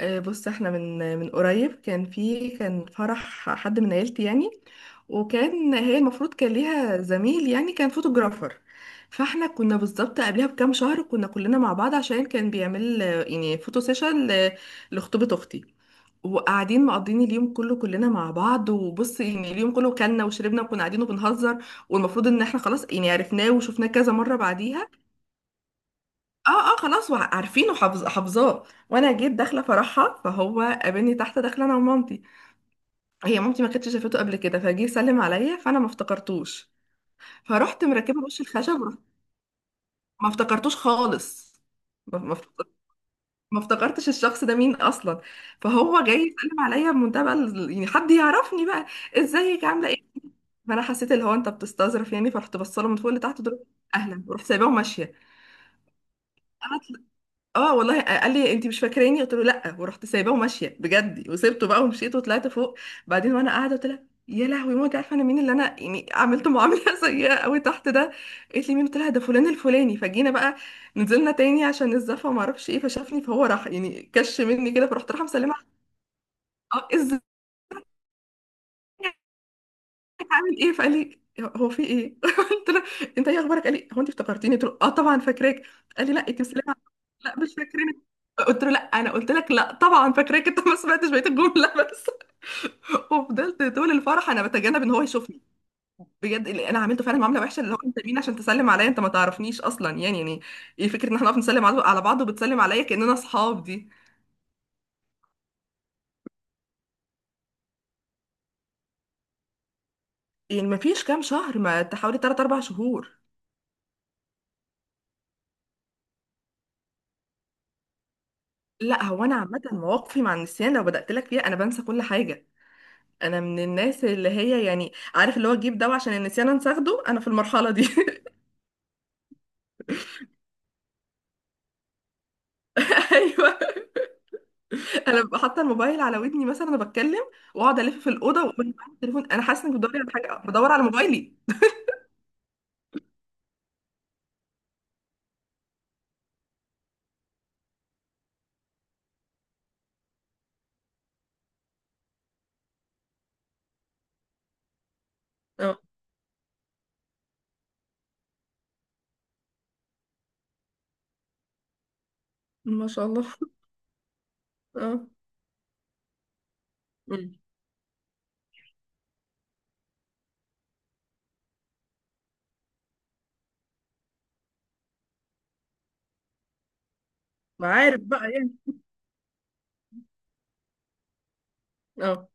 بص احنا من قريب كان فرح حد من عيلتي يعني. وكان هي المفروض كان ليها زميل يعني كان فوتوغرافر. فاحنا كنا بالظبط قبلها بكام شهر كنا كلنا مع بعض عشان كان بيعمل يعني فوتو سيشن لخطوبة اختي، وقاعدين مقضين اليوم كله كلنا مع بعض وبص يعني اليوم كله كلنا وشربنا وكنا قاعدين وبنهزر، والمفروض ان احنا خلاص يعني عرفناه وشفناه كذا مرة. بعديها اه اه خلاص عارفينه حافظاه. وانا جيت داخله فرحها فهو قابلني تحت داخله انا ومامتي. هي مامتي ما كانتش شافته قبل كده فجه يسلم عليا فانا ما افتكرتوش، فرحت مركبه وش الخشب ما افتكرتوش خالص. ما ما افتكر- ما افتكرتش الشخص ده مين اصلا. فهو جاي يسلم عليا بمنتهى بقى يعني حد يعرفني بقى، ازيك عامله ايه. فانا حسيت اللي هو انت بتستظرف يعني، فرحت بصله من فوق لتحت دول اهلا ورحت سايباه وماشيه. اه والله، قال لي انت مش فاكراني، قلت له لا، ورحت سايباه وماشيه بجد وسبته بقى ومشيت وطلعت فوق. بعدين وانا قاعده قلت لها يا لهوي ما انت عارفه انا مين اللي انا يعني عملت معامله سيئه قوي تحت ده. قالت لي مين، قلت لها ده فلان الفلاني. فجينا بقى نزلنا تاني عشان الزفه وما اعرفش ايه، فشافني فهو راح يعني كش مني كده فرحت رايحه مسلمه عليه. اه ازاي هعمل ايه، فقال لي هو في ايه قلت له انت ايه اخبارك، قال لي هو انت افتكرتيني، قلت له اه طبعا فاكراك. قال لي لا انت مسلمه لا مش فاكرينك. قلت له لا، انا قلت لك لا طبعا فاكراك، انت ما سمعتش بقيه الجمله بس. وفضلت طول الفرح انا بتجنب ان هو يشوفني بجد. اللي انا عملته فعلا معامله وحشه، اللي هو انت مين عشان تسلم عليا، انت ما تعرفنيش اصلا، يعني ايه فكره ان احنا نقف نسلم على بعض وبتسلم عليا كاننا اصحاب دي؟ يعني ما فيش كام شهر، ما تحاولي 3 4 شهور. لا هو انا عامه مواقفي مع النسيان، لو بدات لك فيها انا بنسى كل حاجه. انا من الناس اللي هي يعني عارف اللي هو تجيب دواء عشان النسيان، أنا اخده انا في المرحله دي. ايوه، انا ببقى حاطه الموبايل على ودني مثلا انا بتكلم، واقعد الف في الاوضه واقول معايا التليفون، انا حاسه انك بتدوري على حاجه، بدور على موبايلي. اه. ما شاء الله. اه. أمم. ما عارف بقى يعني. اه.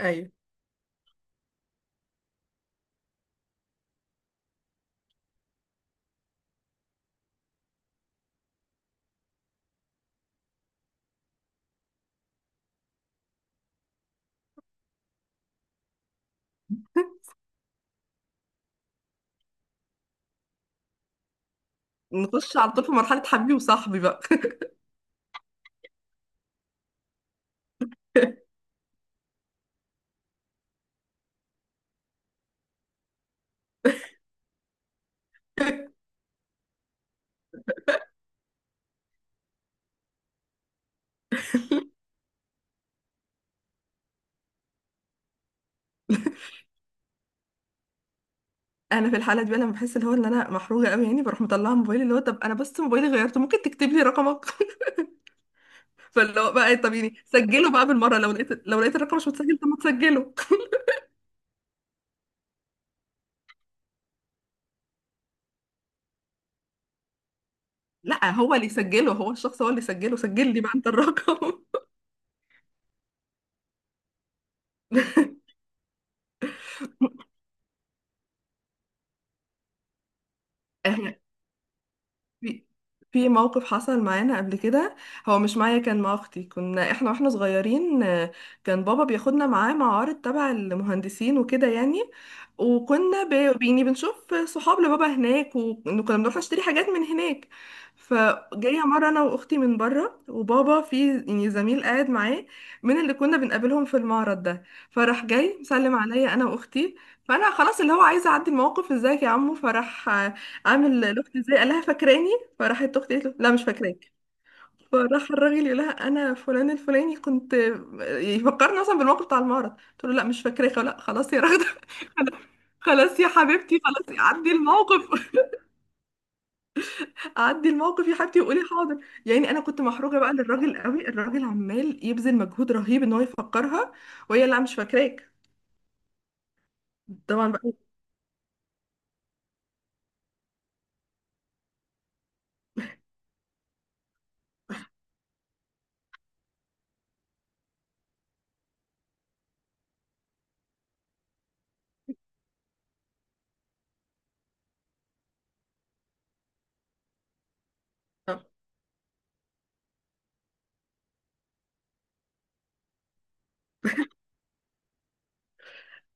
ايوه. نخش على طول في مرحله حبيبي وصاحبي بقى. انا في الحاله دي بقى لما بحس اللي هو ان انا محروجه قوي يعني، بروح مطلعه موبايلي اللي هو طب انا بس موبايلي غيرته، ممكن تكتب لي رقمك فاللي هو بقى إيه، طب يعني سجله بقى بالمره. لو لقيت الرقم مش متسجل طب ما تسجله. لا هو اللي يسجله هو الشخص، هو اللي يسجله، سجل لي بقى انت الرقم. في في موقف حصل معانا قبل كده. هو مش معايا، كان مع اختي، كنا احنا واحنا صغيرين. كان بابا بياخدنا معاه معارض تبع المهندسين وكده يعني، وكنا ب- يعني بنشوف صحاب لبابا هناك، وكنا بنروح نشتري حاجات من هناك. فجايه مره انا واختي من بره، وبابا في يعني زميل قاعد معاه من اللي كنا بنقابلهم في المعرض ده. فراح جاي مسلم عليا انا واختي، فانا خلاص اللي هو عايزه اعدي الموقف، ازيك يا عمو. فراح عامل لاختي ازاي، قال لها فاكراني، فراحت اختي قالت له لا مش فاكراك. فراح الراجل يقول لها انا فلان الفلاني، كنت يفكرني اصلا بالموقف بتاع المعرض، قلت له لا مش فاكراك لا خلاص يا راغده. خلاص يا حبيبتي خلاص عدي الموقف. عدي الموقف يا حبيبتي وقولي حاضر يعني. انا كنت محروجه بقى للراجل قوي، الراجل عمال يبذل مجهود رهيب ان هو يفكرها وهي لا مش فاكراك. طبعا بقى.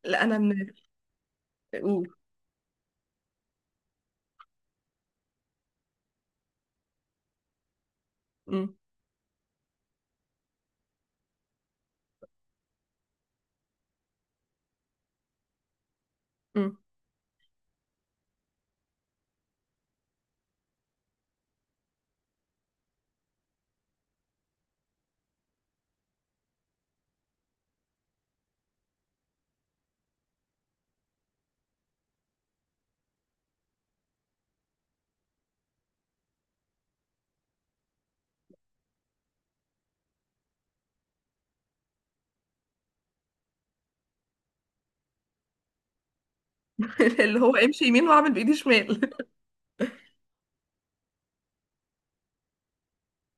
لا انا من قول. مم. مم. اللي هو امشي يمين واعمل بايدي شمال.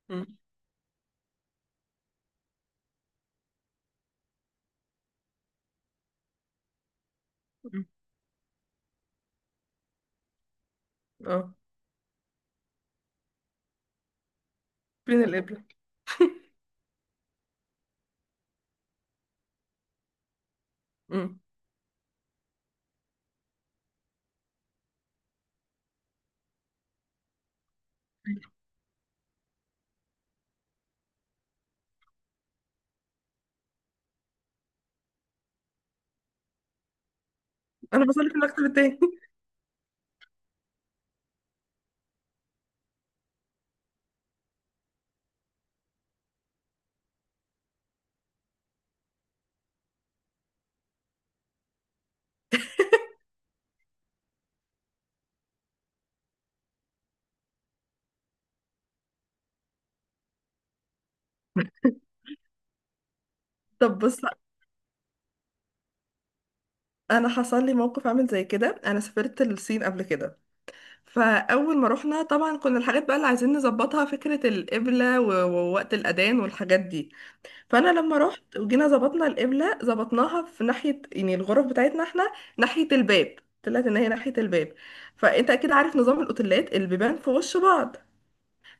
مم. اه. بين الإبرة. امم. أنا بصلي في المكتب التاني. طب بص، انا حصل لي موقف عامل زي كده. انا سافرت الصين قبل كده، فاول ما رحنا طبعا كنا الحاجات بقى اللي عايزين نظبطها فكره القبله ووقت الاذان والحاجات دي. فانا لما رحت وجينا ظبطنا القبله، ظبطناها في ناحيه يعني الغرف بتاعتنا احنا ناحيه الباب، طلعت ان هي ناحيه الباب. فانت اكيد عارف نظام الاوتيلات البيبان في وش بعض.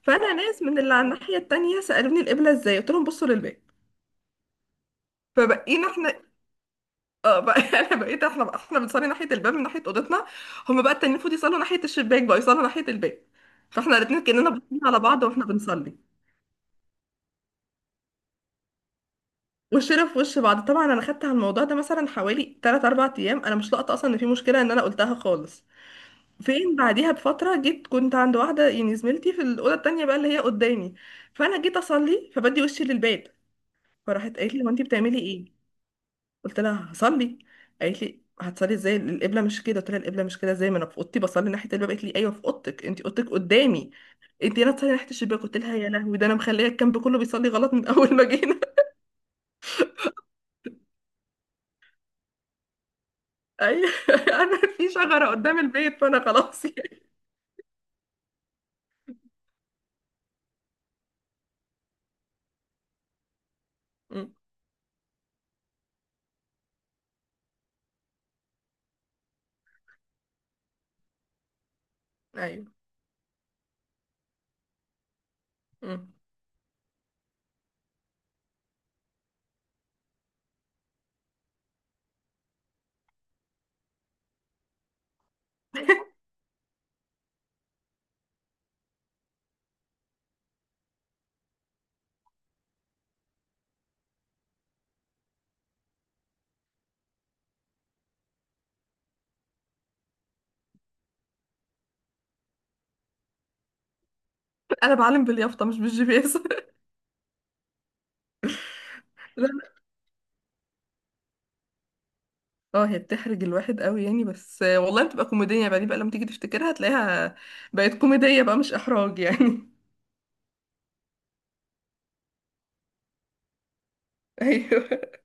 فانا ناس من اللي على الناحيه التانيه سالوني القبله ازاي، قلت لهم بصوا للباب. فبقينا احنا اه بقى انا بقيت احنا بنصلي ناحيه الباب من ناحيه اوضتنا، هم بقى التانيين المفروض يصلوا ناحيه الشباك بقى يصلوا ناحيه الباب، فاحنا الاتنين كاننا باصين على بعض واحنا بنصلي وشنا في وش بعض. طبعا انا خدت على الموضوع ده مثلا حوالي 3 4 ايام انا مش لاقطه اصلا ان في مشكله، ان انا قلتها خالص. فين بعديها بفتره، جيت كنت عند واحده يعني زميلتي في الاوضه التانيه بقى اللي هي قدامي، فانا جيت اصلي فبدي وشي للباب. فراحت قالت لي هو انت بتعملي ايه، قلت لها هصلي، قالت لي هتصلي ازاي القبله مش كده، قلت لها القبله مش كده ازاي ما انا في اوضتي بصلي ناحيه الباب، قالت لي ايوه في اوضتك، انت اوضتك قدامي انت، هنا تصلي ناحيه الشباك. قلت لها يا لهوي، ده انا مخليه الكامب كله بيصلي غلط من اول ما جينا. ايوه انا في شجره قدام البيت فانا خلاص يعني. أمم، ايوه. أمم. انا بعلم باليافطه مش بالجي بي اس. لا، اه هي بتحرج الواحد قوي يعني، بس والله بتبقى كوميديه يعني. بقى دي بقى لما تيجي تفتكرها هتلاقيها بقت كوميديه بقى مش احراج يعني. ايوه.